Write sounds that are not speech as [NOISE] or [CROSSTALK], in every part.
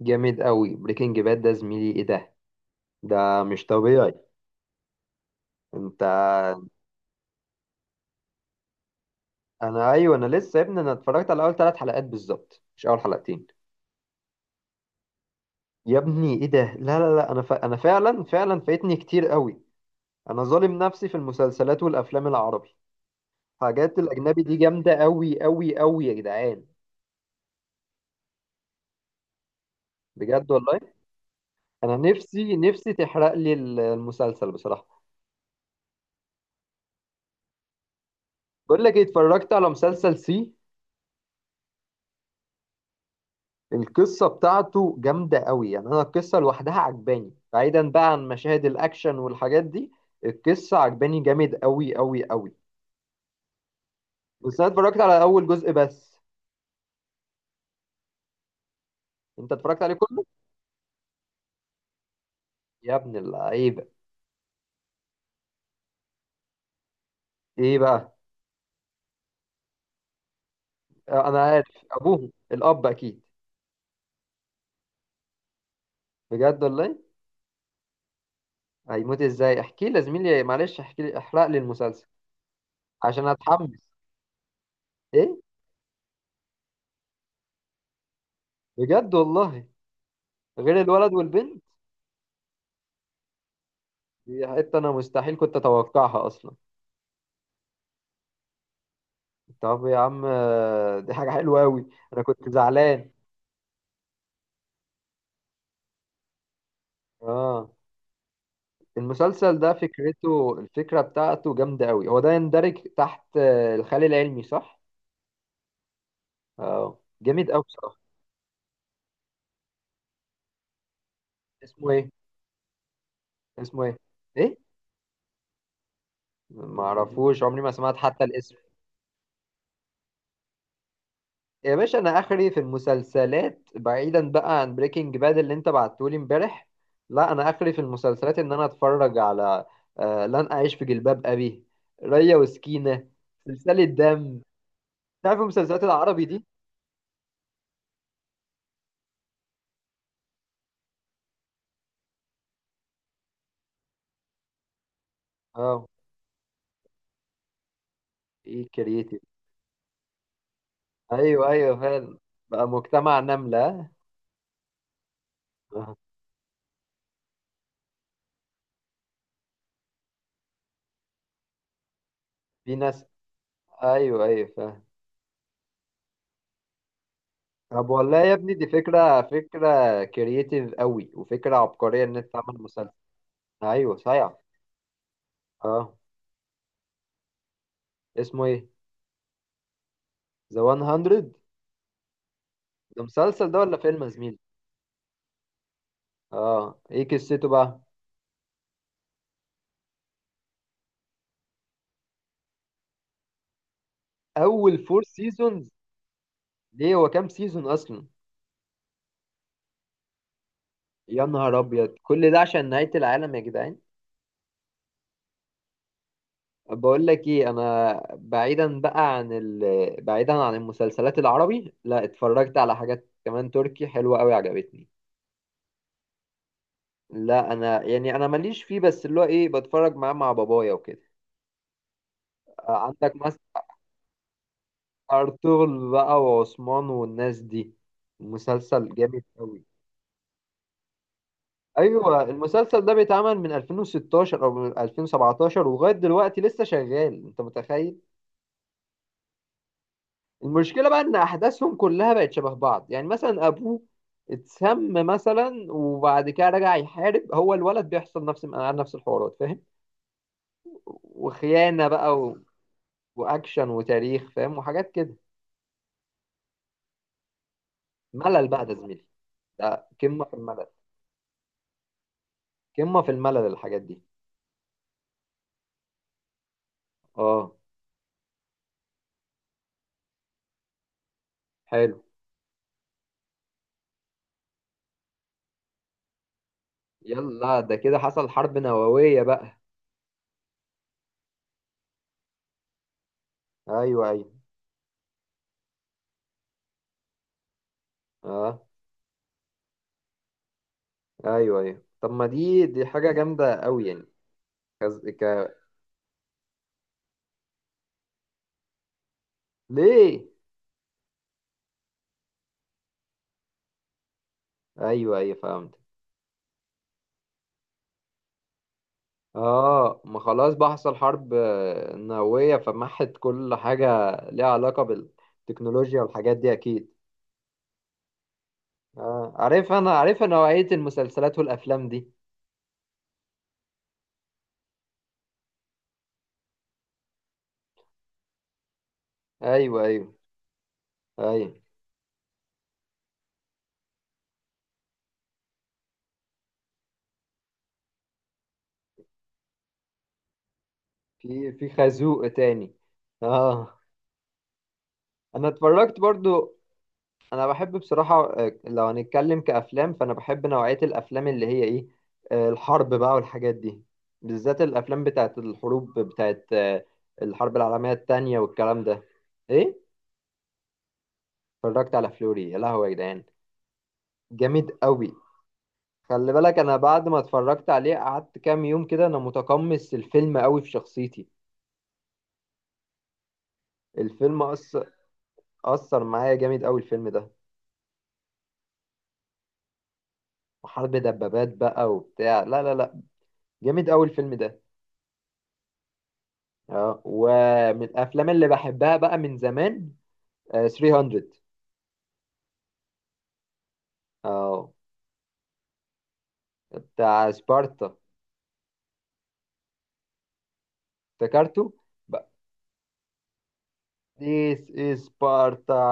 جامد قوي، بريكنج باد ده زميلي، ايه ده؟ ده مش طبيعي. انت. انا، ايوه انا لسه يا ابني، انا اتفرجت على اول ثلاث حلقات بالظبط، مش اول حلقتين. يا ابني ايه ده، لا لا لا. انا انا فعلا فايتني كتير قوي. انا ظالم نفسي في المسلسلات والافلام العربي. حاجات الاجنبي دي جامده قوي قوي قوي يا جدعان. بجد والله. انا نفسي تحرق لي المسلسل بصراحه. بقول لك ايه، اتفرجت على مسلسل سي. القصة بتاعته جامدة قوي، يعني أنا القصة لوحدها عجباني، بعيدا بقى عن مشاهد الأكشن والحاجات دي. القصة عجباني جامد قوي قوي قوي. بس أنا اتفرجت على أول جزء بس. أنت اتفرجت عليه كله؟ يا ابن اللعيبة. إيه بقى؟ آه، أنا عارف أبوه الأب أكيد. بجد والله. هيموت إزاي؟ احكي لي زميلي، معلش احكي لي، احرق لي المسلسل عشان أتحمس. إيه؟ بجد والله. غير الولد والبنت. دي حتة أنا مستحيل كنت أتوقعها أصلا. طب يا عم آه، دي حاجة حلوة أوي. أنا كنت زعلان. آه. المسلسل ده فكرته، الفكرة بتاعته جامدة أوي، هو ده يندرج تحت الخيال العلمي صح؟ آه جامد أوي بصراحة. اسمه إيه؟ اسمه إيه؟ إيه؟ معرفوش، عمري ما سمعت حتى الاسم. يا باشا أنا آخري في المسلسلات بعيدا بقى عن بريكنج باد اللي أنت بعتهولي إمبارح. لا أنا آخري في المسلسلات إن أنا أتفرج على آه لن أعيش في جلباب أبي، ريا وسكينة، سلسلة دم. تعرف المسلسلات العربي دي. اه، ايه كرييتيف. ايوه ايوه فعلا. بقى مجتمع نملة. آه. في ناس. ايوه ايوه فاهم. طب والله يا ابني دي فكرة، فكرة كرييتيف قوي، وفكرة عبقرية ان انت تعمل مسلسل. ايوه صحيح. اه. اسمه ايه؟ ذا 100. ده مسلسل ده ولا فيلم يا زميلي؟ اه. ايه قصته بقى؟ اول فور سيزونز. ليه، هو كام سيزون اصلا؟ يا نهار ابيض، كل ده عشان نهاية العالم يا جدعان. بقول لك ايه، انا بعيدا بقى عن بعيدا عن المسلسلات العربي، لا اتفرجت على حاجات كمان تركي حلوة قوي عجبتني. لا انا يعني انا ماليش فيه، بس اللي هو ايه، بتفرج معاه مع بابايا وكده. عندك مثلا ارطغرل بقى وعثمان والناس دي، مسلسل جامد قوي. ايوه المسلسل ده بيتعمل من 2016 او من 2017 ولغايه دلوقتي لسه شغال، انت متخيل. المشكلة بقى إن أحداثهم كلها بقت شبه بعض، يعني مثلا أبوه اتسم مثلا وبعد كده رجع يحارب، هو الولد بيحصل نفس الحوارات فاهم، وخيانة بقى وأكشن وتاريخ، فاهم، وحاجات كده. ملل بقى ده زميلي، ده قمة في الملل، قمة في الملل الحاجات دي. اه. حلو. يلا، ده كده حصل حرب نووية بقى. أيوه أيوه. اه. أيوه أيوه، طب ما دي حاجة جامدة أوي يعني. كز... ك... ليه؟ أيوه أيوه فهمت. اه، ما خلاص بقى حصل حرب آه، نووية، فمحت كل حاجة ليها علاقة بالتكنولوجيا والحاجات دي أكيد. اه عارف، أنا عارف نوعية المسلسلات والأفلام دي. أيوه أيوه. أيوه، في في خازوق تاني. اه. أنا اتفرجت برضو. أنا بحب بصراحة آه، لو هنتكلم كأفلام، فأنا بحب نوعية الأفلام اللي هي إيه، آه، الحرب بقى والحاجات دي، بالذات الأفلام بتاعت الحروب بتاعت آه، الحرب العالمية التانية والكلام ده. إيه. اتفرجت على فلوري، يا لهوي يا جدعان. جامد قوي. خلي بالك انا بعد ما اتفرجت عليه قعدت كام يوم كده انا متقمص الفيلم قوي في شخصيتي. الفيلم أثر. أثر معايا جامد قوي الفيلم ده. وحرب دبابات بقى وبتاع، لا لا لا، جامد قوي الفيلم ده. اه، ومن الافلام اللي بحبها بقى من زمان آه 300. اه، بتاع سبارتا، افتكرته بقى، ديس از سبارتا.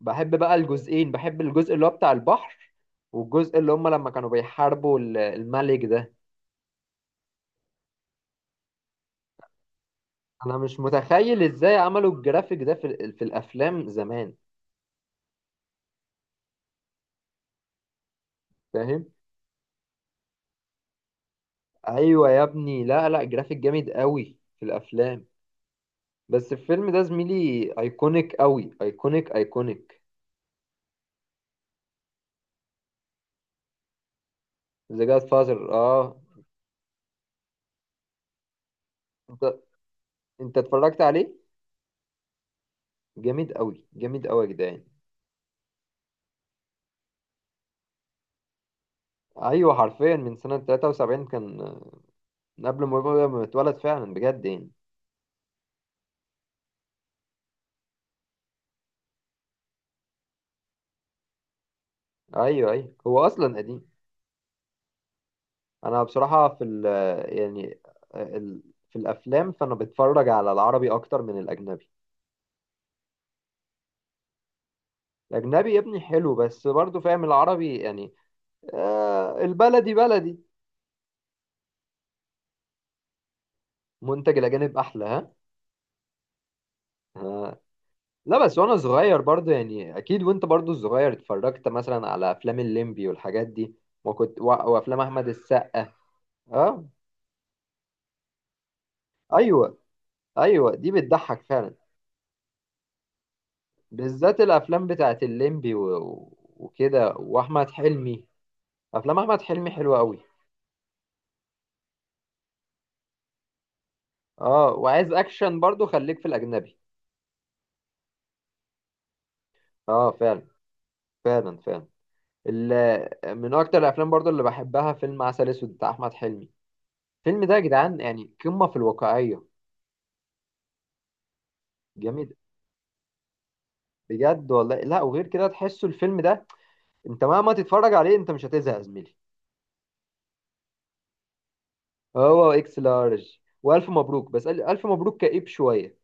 بحب بقى الجزئين، بحب الجزء اللي هو بتاع البحر، والجزء اللي هم لما كانوا بيحاربوا الملك ده. انا مش متخيل ازاي عملوا الجرافيك ده في الافلام زمان. فاهم. ايوه يا ابني، لا لا، جرافيك جامد قوي في الافلام. بس الفيلم ده زميلي ايكونيك قوي، ايكونيك ايكونيك. ذا جاد فازر، اه. انت، انت اتفرجت عليه؟ جامد قوي، جامد قوي يا جدعان. ايوه حرفيا من سنة 73 كان، من قبل ما ما يتولد فعلا بجد يعني. ايوه ايوه، هو اصلا قديم. انا بصراحه في ال يعني ال في الافلام فانا بتفرج على العربي اكتر من الاجنبي. الاجنبي يا ابني حلو، بس برضو فاهم، العربي يعني، آه البلدي بلدي. منتج الاجانب احلى ها. لا بس وانا صغير برضو يعني، اكيد وانت برضو صغير اتفرجت مثلا على افلام الليمبي والحاجات دي. وكنت وافلام احمد السقا. اه. ايوه ايوه، دي بتضحك فعلا. بالذات الافلام بتاعت الليمبي وكده، واحمد حلمي. افلام احمد حلمي حلوه قوي. اه، وعايز اكشن برضو خليك في الاجنبي. اه فعلا، فعلا فعلا. ال- من اكتر الافلام برضو اللي بحبها فيلم عسل اسود بتاع احمد حلمي. الفيلم ده يا جدعان يعني قمه في الواقعيه. جميل. بجد والله، لا وغير كده تحسوا الفيلم ده، انت مهما تتفرج عليه انت مش هتزهق يا زميلي. هو اكس لارج، والف مبروك، بس الف مبروك كئيب شويه.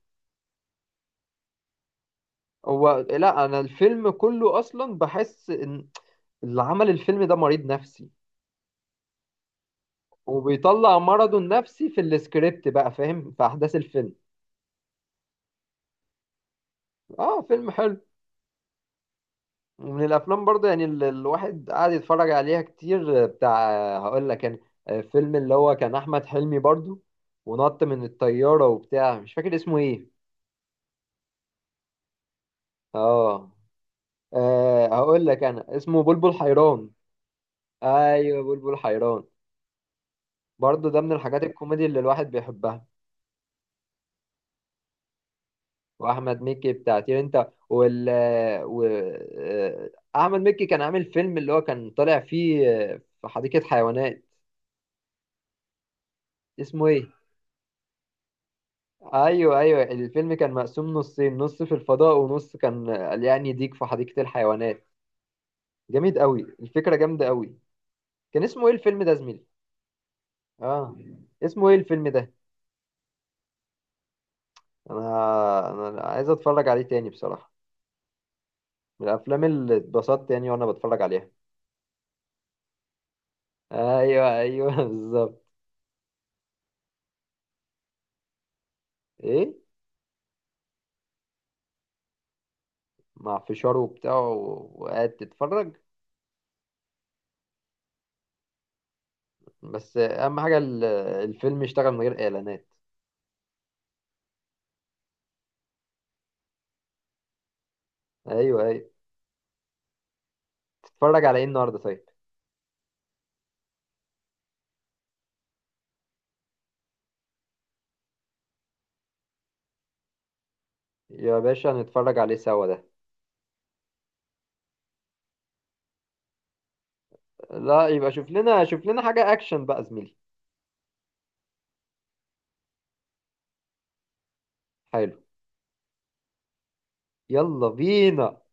هو لا، انا الفيلم كله اصلا بحس ان اللي عمل الفيلم ده مريض نفسي، وبيطلع مرضه النفسي في السكريبت بقى، فاهم، في احداث الفيلم. اه فيلم حلو. ومن الافلام برضه يعني الواحد قاعد يتفرج عليها كتير آه، بتاع آه، هقول لك، كان فيلم اللي هو كان احمد حلمي برضه، ونط من الطياره وبتاع، مش فاكر اسمه ايه. اه. آه هقول لك، انا اسمه بلبل حيران. ايوه بلبل حيران، برضه ده من الحاجات الكوميدي اللي الواحد بيحبها. واحمد مكي بتاع طير انت و... آه، احمد مكي كان عامل فيلم اللي هو كان طالع فيه آه، في حديقة حيوانات. اسمه ايه؟ ايوه ايوه، الفيلم كان مقسوم نصين، نص في الفضاء ونص كان آه، يعني ديك في حديقة الحيوانات. جميل قوي، الفكرة جامدة قوي. كان اسمه ايه الفيلم ده زميلي؟ اه. اسمه ايه الفيلم ده؟ انا، انا عايز اتفرج عليه تاني بصراحة، من الافلام اللي اتبسطت يعني وانا بتفرج عليها. ايوه ايوه [LAUGHS] بالظبط. ايه. مع فشاره وبتاع، وقاعد تتفرج. بس اهم حاجه، الفيلم يشتغل من غير اعلانات. ايوه ايوه. تتفرج على ايه النهارده طيب؟ يا باشا هنتفرج عليه سوا ده. لا يبقى شوف لنا، شوف لنا حاجه اكشن بقى زميلي. حلو. يلا بينا.